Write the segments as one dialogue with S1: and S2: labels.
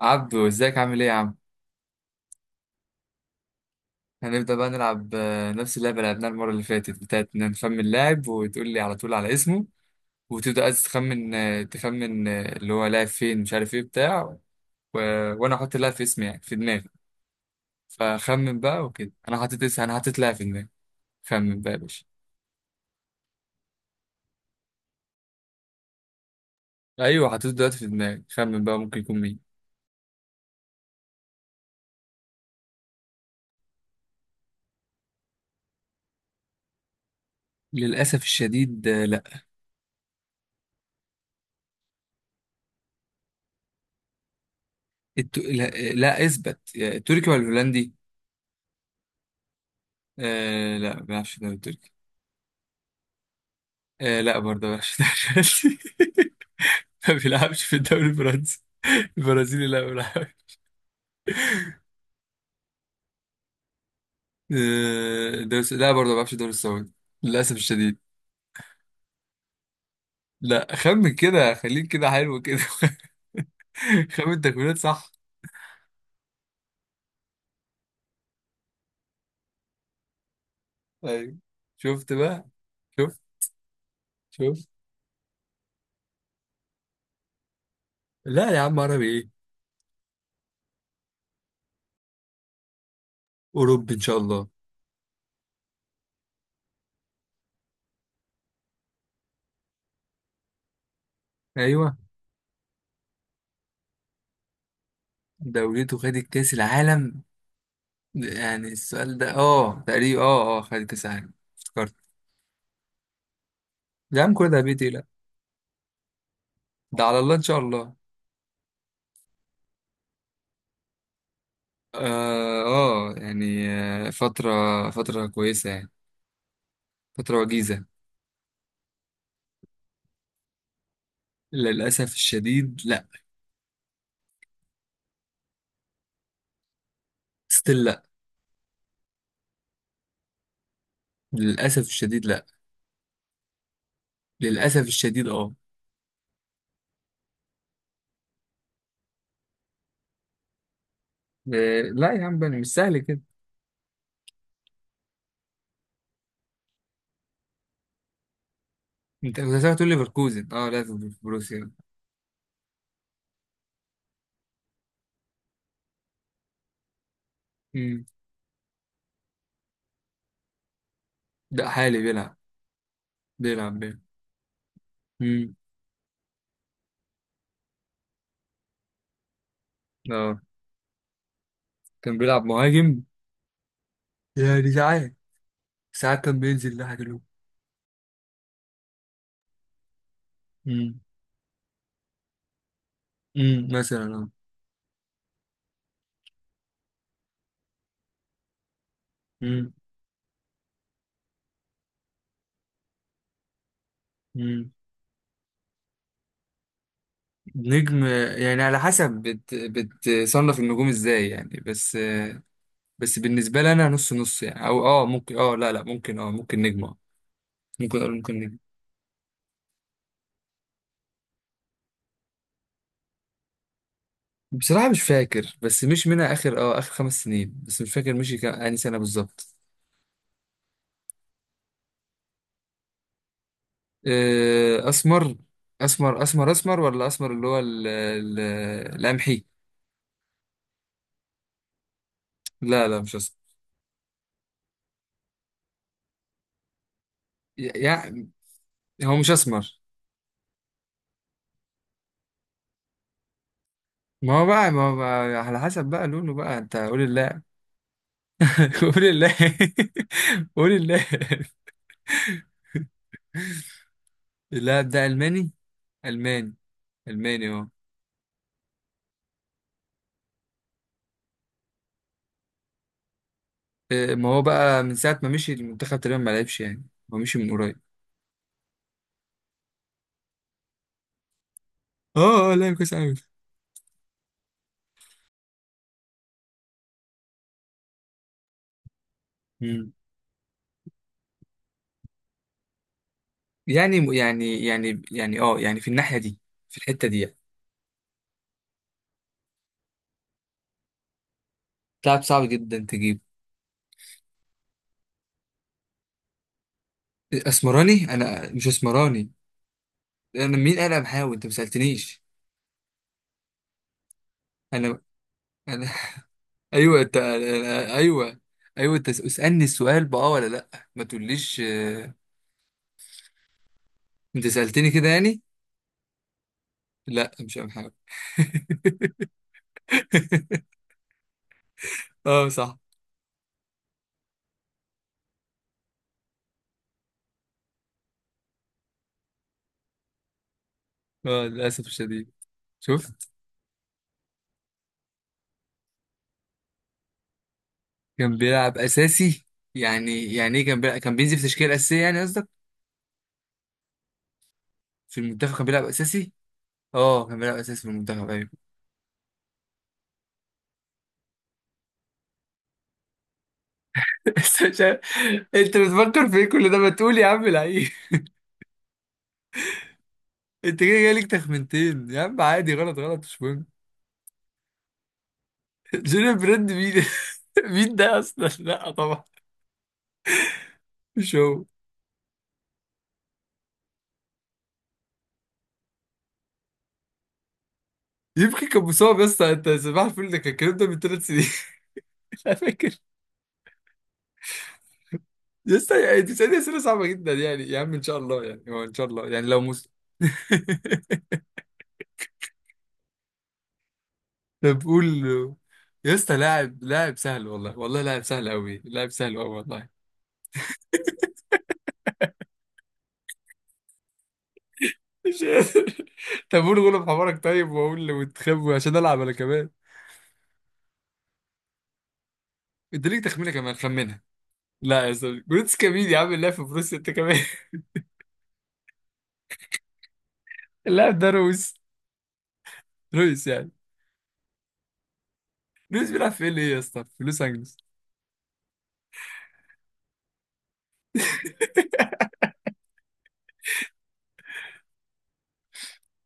S1: عبدو، ازيك عامل ايه يا عم؟ هنبدأ بقى نلعب، نفس اللعبة اللي لعبناها المرة اللي فاتت بتاعت إن نخمن لاعب وتقول لي على طول على اسمه. وتبدأ عايز تخمن اللي هو لاعب فين، مش عارف ايه بتاع و... وانا احط اللاعب في اسمي، يعني في دماغي. فخمن بقى وكده، انا حطيت لاعب في دماغي. خمن بقى يا باشا. ايوه حطيته دلوقتي في دماغي، خمن بقى ممكن يكون مين. للأسف الشديد، لا. لا، لا اثبت، يا التركي ولا الهولندي. لا، ما بيعرفش الدوري التركي. لا برضه، ما بيعرفش الدوري الهولندي. ما بيلعبش في الدوري الفرنسي، البرازيلي لا ما بيلعبش. لا برضه، ما بيلعبش في الدوري السعودي، للأسف الشديد. لا، خمن كده، خليك كده، حلو كده. خمن تكوينات صح. ايوه. شفت بقى؟ شفت، شفت. لا يا عم، عربي ايه؟ أوروبي إن شاء الله. ايوه، دولته خدت كأس العالم. يعني السؤال ده تقريبا خدت كأس العالم، افتكرت. يا عم كل ده بيتي، لا. ده على الله إن شاء الله. يعني فترة كويسة يعني. فترة وجيزة. للأسف الشديد لا. ستيل لا. للأسف الشديد لا. للأسف الشديد اه لا يا عم، بني مش سهل كده. انت كنت هتقول لي ليفركوزن، اه لا، في بروسيا. امم. ده حالي بيلعب، بيلعب. امم. اه كان بيلعب مهاجم. يعني ساعات، ساعات كان بينزل ناحية الهجوم. امم. مثلا اه امم. نجم يعني، على حسب بتصنف النجوم ازاي يعني، بس بالنسبة لي انا، نص نص يعني، او ممكن، لا لا ممكن، ممكن نجم، ممكن اقول ممكن نجم. بصراحة مش فاكر، بس مش منها، اخر خمس سنين، بس مش فاكر مشي كام، انهي سنة بالظبط. آه، اسمر اسمر ولا اسمر، اللي هو القمحي. لا لا، مش اسمر يعني. هو مش اسمر. ما هو بقى، ما هو بقى، على حسب بقى لونه بقى، انت قول الله. قول الله. قول الله. اللاعب ده ألماني. ألماني. ألماني اه ما هو بقى من ساعة ما مشي المنتخب تقريبا ما لعبش يعني. هو مشي من قريب. اه، اه، لعب كويس أوي. مم. يعني في الناحية دي، في الحتة دي يعني. لاعب صعب جدا تجيب. اسمراني؟ انا مش اسمراني. انا مين؟ انا بحاول، انت ما سألتنيش. انا انا. ايوه، ايوه. ايوه، انت اسألني السؤال بقى ولا لا. ما تقوليش. انت سألتني كده يعني؟ لا، مش أنا بحاول. اه صح. اه، للاسف الشديد. شفت. كان بيلعب اساسي. يعني، يعني ايه كان بيلعب؟ كان بينزل في تشكيله اساسيه يعني قصدك؟ في المنتخب كان بيلعب اساسي. اه كان بيلعب اساسي في المنتخب، ايوه. بس مش عارف- انت بتفكر في ايه كل ده؟ ما تقول يا عم لعيب. انت كده جاي لك تخمنتين يا عم، عادي، غلط غلط مش مهم. جيرين بريند مين؟ مين ده اصلا؟ لا طبعا، مش هو. يمكن كان مصاب يا اسطى، انت صباح الفل، ده كان الكلام ده من ثلاث سنين. انا فاكر. لسه يعني، انت بتسألني اسئله صعبه جدا يعني يا عم، ان شاء الله يعني، هو ان شاء الله يعني، لو مس. طب قول يا اسطى. لاعب سهل، والله والله لاعب سهل قوي، لاعب سهل قوي والله. مش قادر. طب قول غلب حمارك، طيب، واقول له وتخبو عشان العب انا كمان. انت ليك تخمينه كمان، خمنها. لا يا اسطى، جروتسكا مين يا عم؟ اللاعب في بروسيا انت كمان. اللاعب ده رويس. يعني رويس بيلعب في ال ايه يا اسطى، في لوس انجلوس.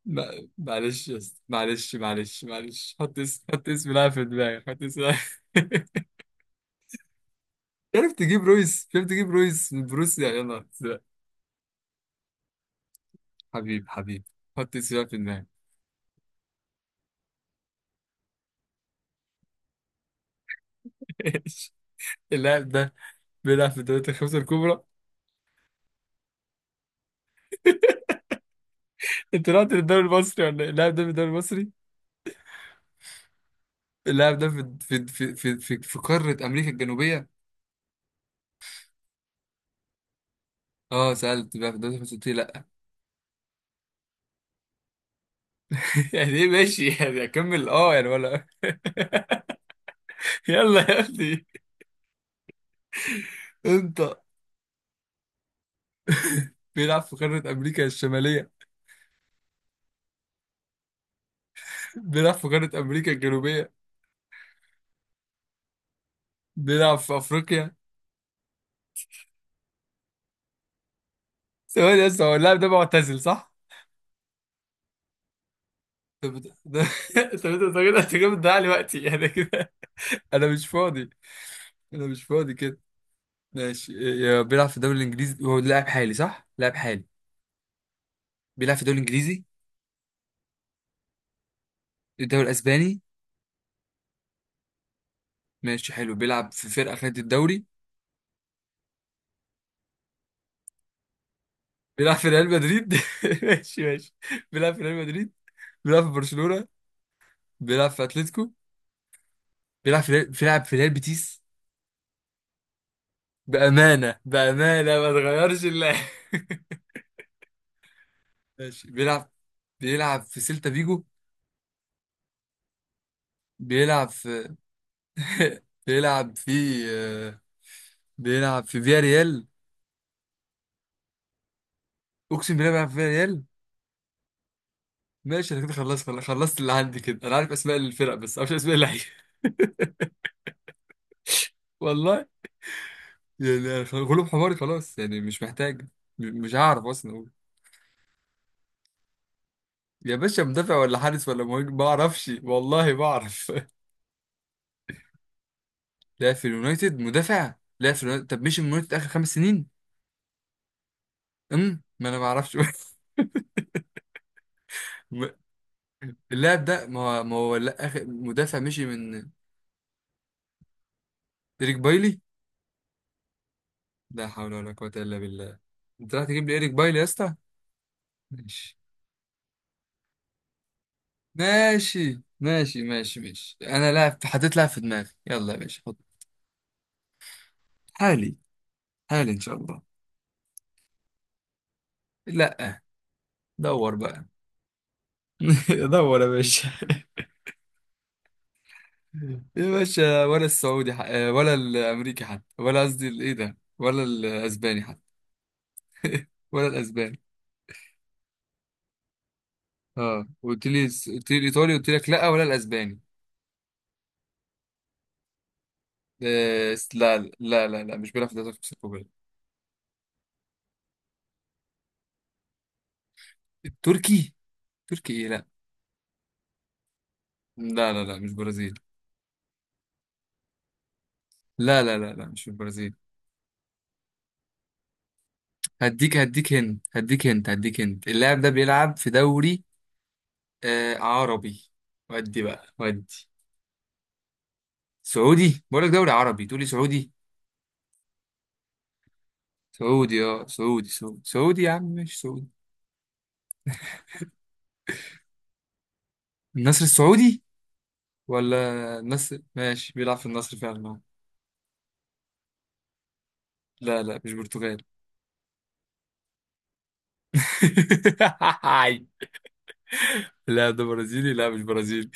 S1: ما- معلش يا اسطى، معلش معلش معلش، حط اسم لاعب في دماغك، حط اسم لاعب. عرفت تجيب رويس، عرفت تجيب رويس من بروسيا، يلا. حبيب حبيب. حط اسم لاعب في دماغك. ايش؟ اللاعب ده بيلعب في الدوريات الخمسة الكبرى. انت رحت للدوري المصري ولا ايه؟ اللاعب ده في الدوري المصري. اللاعب ده في قارة امريكا الجنوبية. اه سألت بقى في الدوري الخمسة، قلت لي لا. يعني ايه ماشي؟ يعني اكمل يعني، ولا؟ يلا يا ابني. انت بيلعب في قارة امريكا الشمالية؟ بيلعب في قارة أمريكا الجنوبية؟ بيلعب في أفريقيا؟ ثواني بس، هو اللاعب ده معتزل صح؟ طب ده ده. طب انت كده، انت كده بتضيع لي وقتي انا كده. انا مش فاضي. انا مش فاضي كده. ماشي. يا، بيلعب في الدوري الانجليزي، هو لاعب حالي صح؟ لاعب حالي. بيلعب في الدوري الانجليزي. الدوري الاسباني. ماشي حلو، بيلعب في فرقة خدت الدوري. بيلعب في ريال مدريد. ماشي ماشي. بيلعب في ريال مدريد. بيلعب في برشلونة. بيلعب في اتلتيكو. بيلعب في ريال بيتيس. بأمانة بأمانة، ما تغيرش الله. ماشي بيلعب، بيلعب في سيلتا فيجو. بيلعب في. بيلعب في آه، بيلعب في فيا ريال. اقسم بالله بيلعب في فيا ريال. ماشي، انا كده خلصت، خلصت خلصت اللي عندي كده. انا عارف اسماء الفرق بس ما اعرفش اسماء اللعيبه. والله. يعني غلوب حماري خلاص يعني، مش محتاج مش هعرف اصلا اقول. يا باشا، مدافع ولا حارس ولا مهاجم؟ ما اعرفش والله ما اعرف. لا في اليونايتد مدافع؟ لا في اليونايتد، طب مش من اليونايتد اخر خمس سنين. امم. ما انا ما اعرفش. م- اللاعب ده ما هو، ما هو لا، اخر مدافع مشي من. إيريك بايلي؟ لا حول ولا قوة إلا بالله. أنت رايح تجيب لي إيريك بايلي يا اسطى؟ ماشي ماشي ماشي ماشي ماشي. أنا لاعب، حطيت لاعب في دماغي، يلا يا باشا، حط. حالي. حالي إن شاء الله. لا. دور بقى. دور يا باشا. يا باشا، ولا السعودي ولا الأمريكي حتى، ولا قصدي الإيه ده، ولا الأسباني حتى. ولا الأسباني. اه قلت لي، الايطالي، قلت لك لا، ولا الاسباني. لا لا لا لا، مش بيلعب في الدوري السعودي. التركي؟ تركي ايه؟ لا لا لا لا، مش برازيل. لا لا لا لا، مش في البرازيل. هديك هند، اللاعب ده بيلعب في دوري عربي. ودي بقى، ودي. سعودي؟ بقول لك دوري عربي تقول لي سعودي. سعودي، سعودي يا عم، مش سعودي. النصر السعودي. ولا النصر، ماشي، بيلعب في النصر فعلا. لا لا مش برتغالي. لا ده برازيلي، لا مش برازيلي.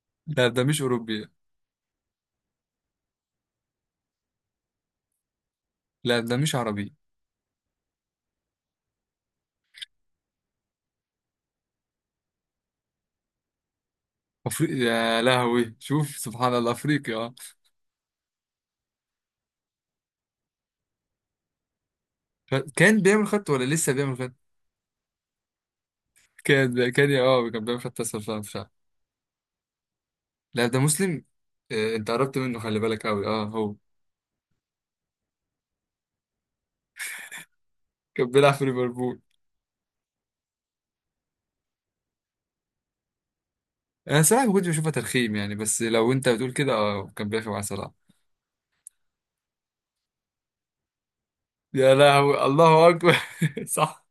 S1: لا ده مش أوروبي. لا ده مش عربي. أفريقي؟ يا لهوي شوف سبحان الله، أفريقيا اه كان بيعمل خط ولا لسه بيعمل خط؟ كان، كان بيعمل خط أصلا فعلا فعلا. لا ده مسلم. أنت قربت منه، خلي بالك أوي، هو. كان بيلعب في ليفربول. أنا صراحة ما كنتش بشوفها ترخيم يعني، بس لو أنت بتقول كده كان بيلعب مع صلاح. يا لهوي الله أكبر. صح.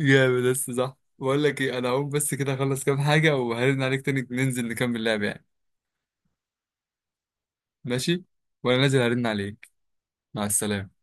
S1: جامد بس صح، بقول لك ايه، انا هقوم بس كده، اخلص كام حاجة وهرن عليك تاني، ننزل نكمل لعب يعني. ماشي. وانا نازل هرن عليك. مع السلامة.